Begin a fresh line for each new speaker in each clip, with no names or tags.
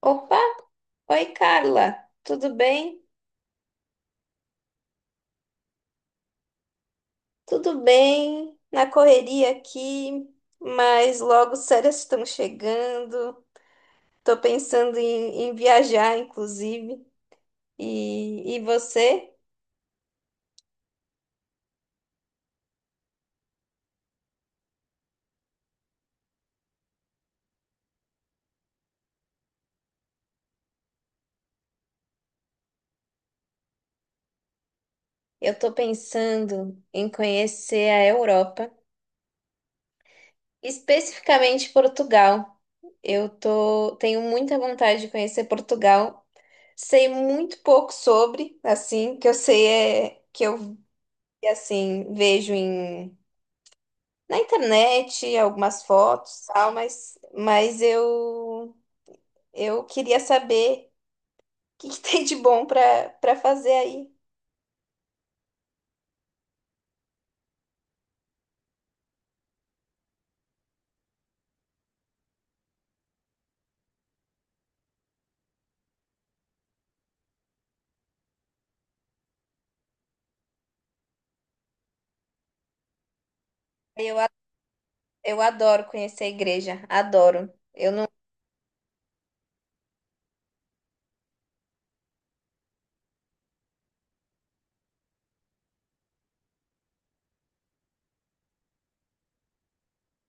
Opa! Oi, Carla. Tudo bem? Tudo bem? Na correria aqui, mas logo as férias estão chegando. Tô pensando em viajar, inclusive. E você? Eu tô pensando em conhecer a Europa, especificamente Portugal. Tenho muita vontade de conhecer Portugal. Sei muito pouco sobre, assim, que eu sei é que eu vejo na internet, algumas fotos, tal, mas eu queria saber o que tem de bom para fazer aí. Eu, a- eu adoro conhecer a igreja, adoro. Eu não,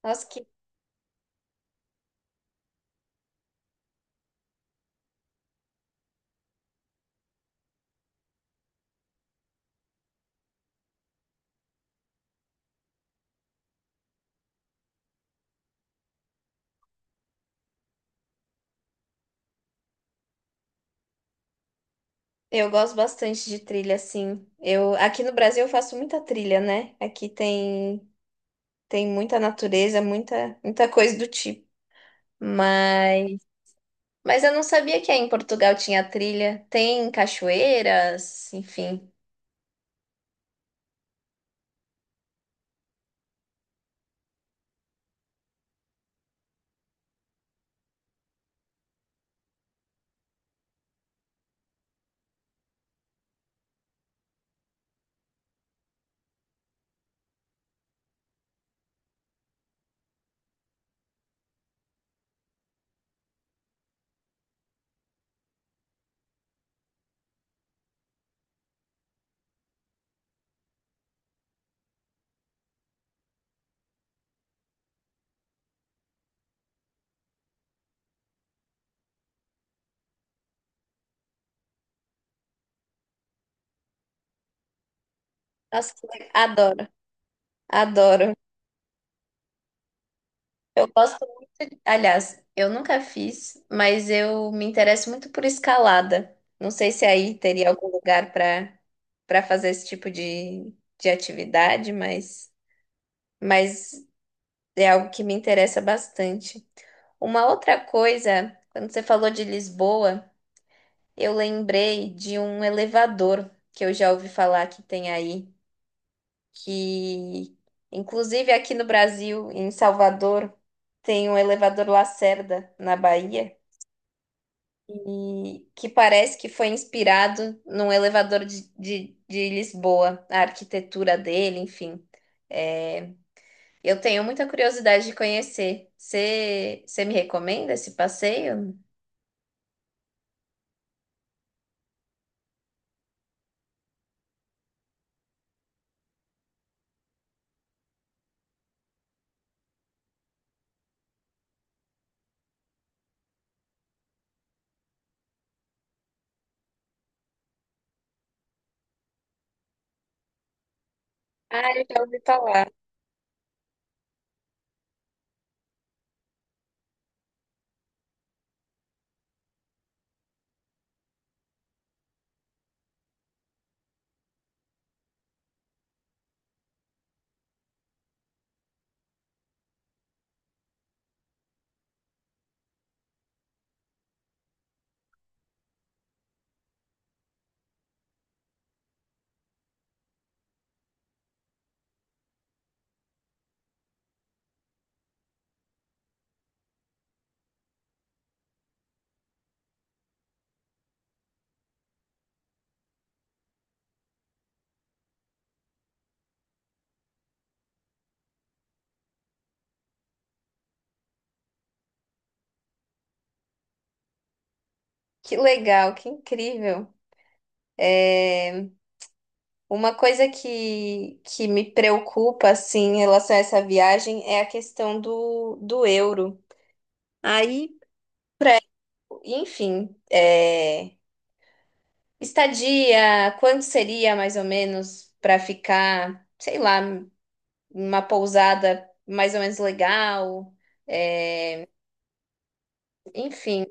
nossa, que Eu gosto bastante de trilha, assim. Eu aqui no Brasil eu faço muita trilha, né? Aqui tem muita natureza, muita coisa do tipo. Mas mas eu não sabia que aí em Portugal tinha trilha. Tem cachoeiras, enfim. Nossa, adoro. Adoro. Eu gosto, aliás, eu nunca fiz, mas eu me interesso muito por escalada. Não sei se aí teria algum lugar para fazer esse tipo de atividade, mas é algo que me interessa bastante. Uma outra coisa, quando você falou de Lisboa, eu lembrei de um elevador que eu já ouvi falar que tem aí. Que inclusive aqui no Brasil, em Salvador, tem um elevador Lacerda na Bahia, e que parece que foi inspirado num elevador de Lisboa, a arquitetura dele, enfim. É, eu tenho muita curiosidade de conhecer. Você me recomenda esse passeio? Ah, eu já ouvi falar. Que legal, que incrível. É, uma coisa que me preocupa, assim, em relação a essa viagem é a questão do, do euro. Aí, enfim, é, estadia, quanto seria mais ou menos para ficar, sei lá, uma pousada mais ou menos legal? É, enfim,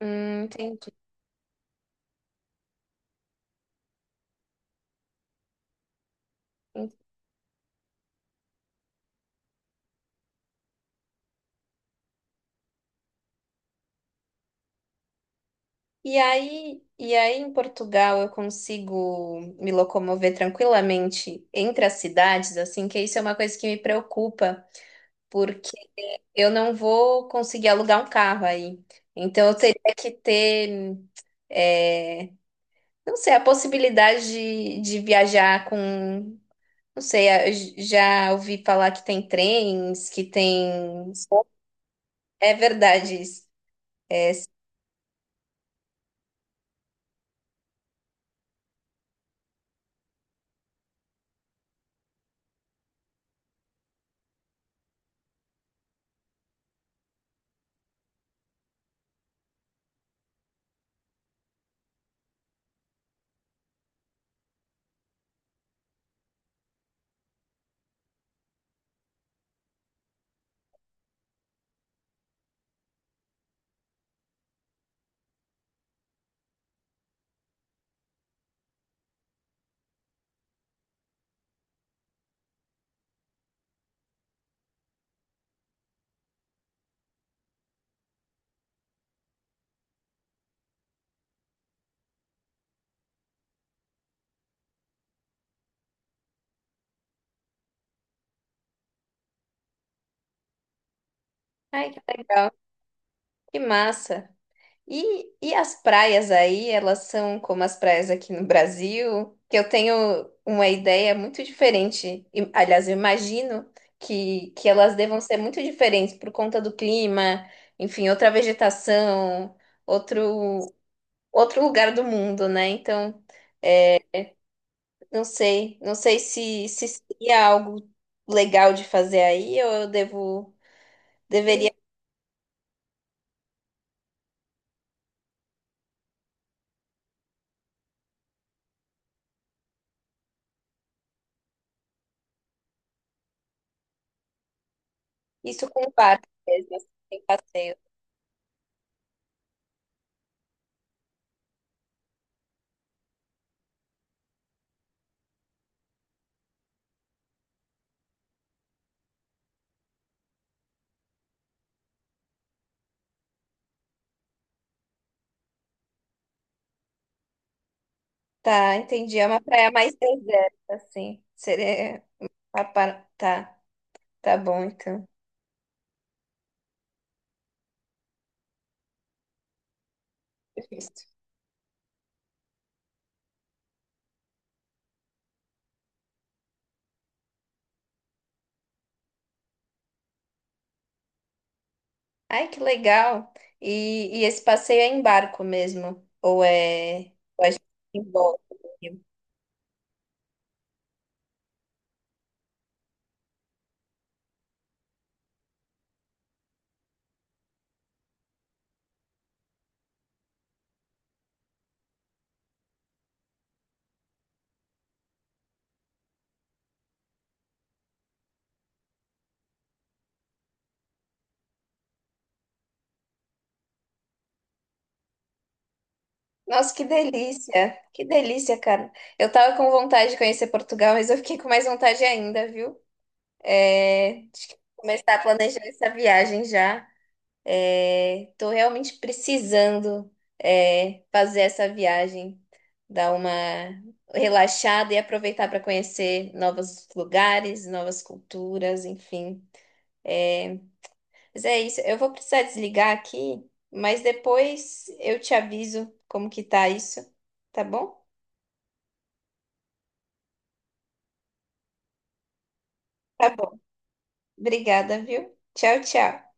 entendi. E aí em Portugal eu consigo me locomover tranquilamente entre as cidades, assim, que isso é uma coisa que me preocupa, porque eu não vou conseguir alugar um carro aí. Então eu teria que ter, é, não sei, a possibilidade de viajar com, não sei, já ouvi falar que tem trens, que tem. É verdade isso. Ai, que legal, que massa. E as praias aí, elas são como as praias aqui no Brasil, que eu tenho uma ideia muito diferente. E, aliás, eu imagino que elas devam ser muito diferentes por conta do clima, enfim, outra vegetação, outro, outro lugar do mundo, né? Então, não sei, não sei se seria algo legal de fazer aí ou eu devo, deveria isso com o barco mesmo, assim, sem passeio. Tá, entendi. É uma praia mais deserta, assim. Seria. Tá, tá bom, então. Perfeito. Ai, que legal. E esse passeio é em barco mesmo? Ou é. Ou a gente embarca? Nossa, que delícia! Que delícia, cara. Eu tava com vontade de conhecer Portugal, mas eu fiquei com mais vontade ainda, viu? É... Acho que vou começar a planejar essa viagem já. Estou realmente precisando é, fazer essa viagem, dar uma relaxada e aproveitar para conhecer novos lugares, novas culturas, enfim. É, mas é isso. Eu vou precisar desligar aqui, mas depois eu te aviso como que tá isso, tá bom? Tá bom. Obrigada, viu? Tchau, tchau.